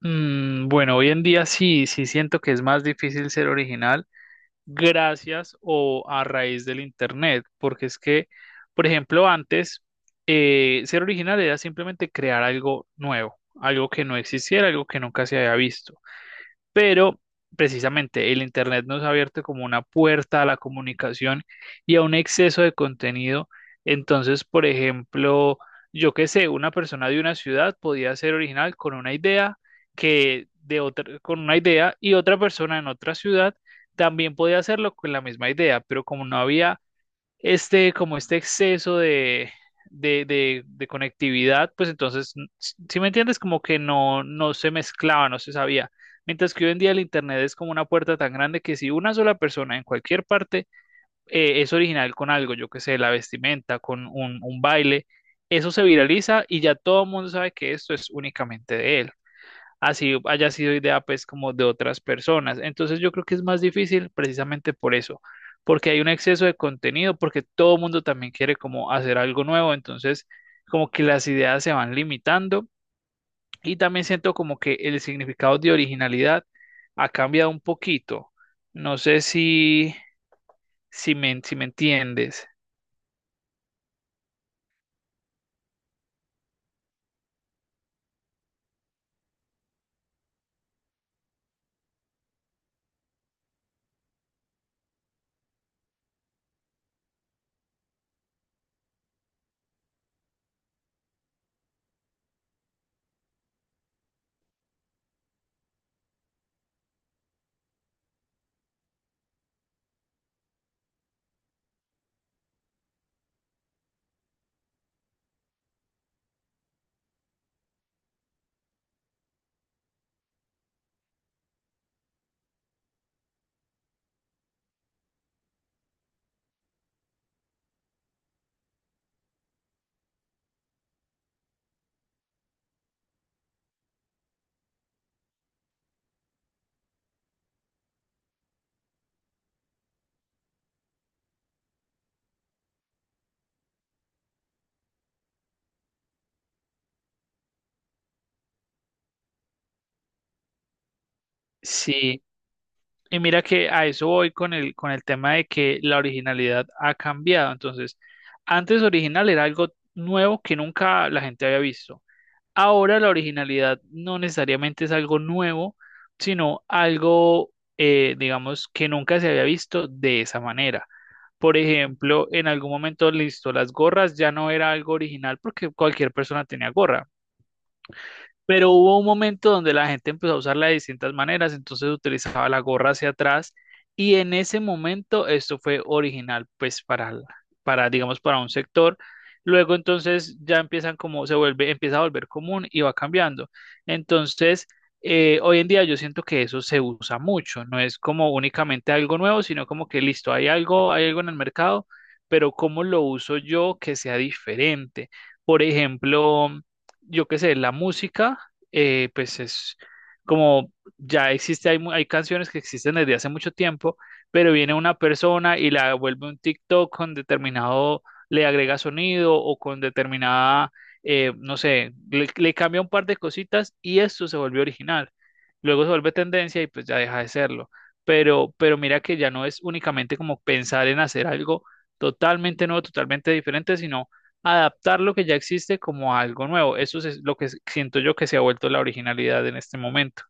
Mm, bueno, hoy en día sí, siento que es más difícil ser original gracias o a raíz del internet, porque es que, por ejemplo, antes ser original era simplemente crear algo nuevo, algo que no existiera, algo que nunca se había visto, pero precisamente el Internet nos ha abierto como una puerta a la comunicación y a un exceso de contenido. Entonces, por ejemplo, yo qué sé, una persona de una ciudad podía ser original con una idea que de otra, con una idea, y otra persona en otra ciudad también podía hacerlo con la misma idea, pero como no había como este exceso de, de conectividad, pues entonces, si me entiendes, como que no, no se mezclaba, no se sabía. Mientras que hoy en día el Internet es como una puerta tan grande que si una sola persona en cualquier parte es original con algo, yo que sé, la vestimenta, con un baile, eso se viraliza y ya todo el mundo sabe que esto es únicamente de él, así haya sido idea pues como de otras personas. Entonces yo creo que es más difícil precisamente por eso, porque hay un exceso de contenido, porque todo el mundo también quiere como hacer algo nuevo, entonces como que las ideas se van limitando, y también siento como que el significado de originalidad ha cambiado un poquito. No sé si, si me entiendes. Sí. Y mira que a eso voy con con el tema de que la originalidad ha cambiado. Entonces, antes original era algo nuevo que nunca la gente había visto. Ahora la originalidad no necesariamente es algo nuevo, sino algo, digamos, que nunca se había visto de esa manera. Por ejemplo, en algún momento, listo, las gorras ya no era algo original porque cualquier persona tenía gorra. Pero hubo un momento donde la gente empezó a usarla de distintas maneras, entonces utilizaba la gorra hacia atrás, y en ese momento esto fue original pues para, para digamos para un sector. Luego entonces ya empiezan como se vuelve, empieza a volver común y va cambiando. Entonces, hoy en día yo siento que eso se usa mucho, no es como únicamente algo nuevo, sino como que listo, hay algo en el mercado, pero cómo lo uso yo que sea diferente. Por ejemplo, yo qué sé, la música, pues es como ya existe, hay canciones que existen desde hace mucho tiempo, pero viene una persona y la vuelve un TikTok con determinado, le agrega sonido o con determinada, no sé, le cambia un par de cositas y esto se volvió original. Luego se vuelve tendencia y pues ya deja de serlo. Pero mira que ya no es únicamente como pensar en hacer algo totalmente nuevo, totalmente diferente, sino adaptar lo que ya existe como a algo nuevo. Eso es lo que siento yo que se ha vuelto la originalidad en este momento.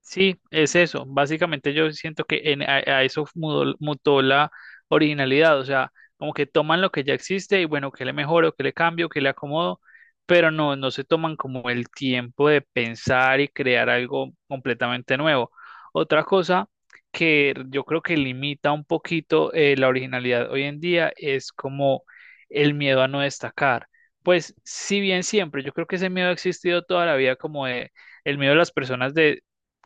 Sí, es eso. Básicamente yo siento que a eso mutó la originalidad, o sea, como que toman lo que ya existe y bueno, que le mejoro, que le cambio, que le acomodo, pero no, no se toman como el tiempo de pensar y crear algo completamente nuevo. Otra cosa que yo creo que limita un poquito la originalidad hoy en día es como el miedo a no destacar. Pues si bien siempre, yo creo que ese miedo ha existido toda la vida como de el miedo de las personas de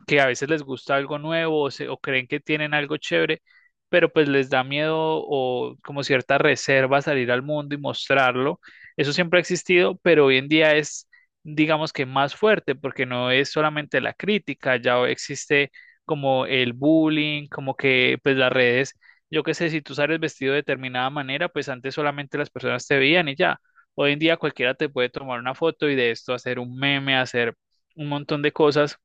que a veces les gusta algo nuevo o creen que tienen algo chévere, pero pues les da miedo o como cierta reserva salir al mundo y mostrarlo. Eso siempre ha existido, pero hoy en día es, digamos que más fuerte, porque no es solamente la crítica, ya existe como el bullying, como que pues las redes, yo qué sé, si tú sales vestido de determinada manera, pues antes solamente las personas te veían y ya. Hoy en día cualquiera te puede tomar una foto y de esto hacer un meme, hacer un montón de cosas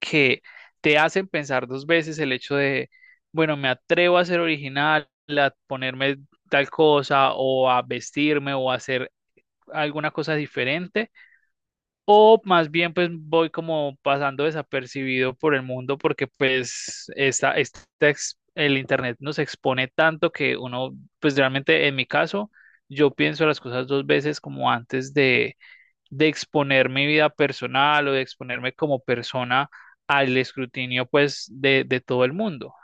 que te hacen pensar dos veces el hecho de, bueno, me atrevo a ser original, a ponerme tal cosa o a vestirme o a hacer alguna cosa diferente, o más bien pues voy como pasando desapercibido por el mundo porque pues el internet nos expone tanto que uno, pues realmente en mi caso, yo pienso las cosas dos veces como antes de exponer mi vida personal o de exponerme como persona al escrutinio, pues, de todo el mundo.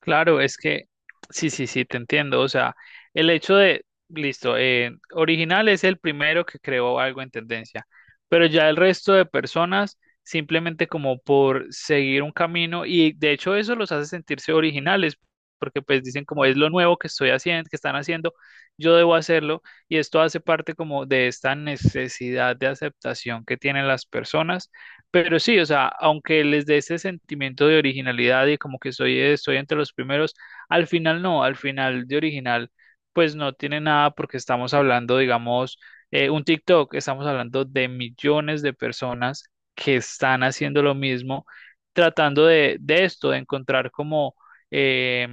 Claro, es que sí, sí, sí, te entiendo. O sea, el hecho de, listo, original es el primero que creó algo en tendencia, pero ya el resto de personas simplemente como por seguir un camino, y de hecho eso los hace sentirse originales, porque pues dicen como es lo nuevo que estoy haciendo, que están haciendo, yo debo hacerlo, y esto hace parte como de esta necesidad de aceptación que tienen las personas. Pero sí, o sea, aunque les dé ese sentimiento de originalidad y como que soy, estoy entre los primeros, al final no, al final de original, pues no tiene nada porque estamos hablando, digamos, un TikTok, estamos hablando de millones de personas que están haciendo lo mismo, tratando de esto, de encontrar como, eh,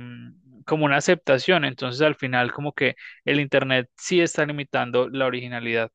como una aceptación. Entonces, al final, como que el Internet sí está limitando la originalidad.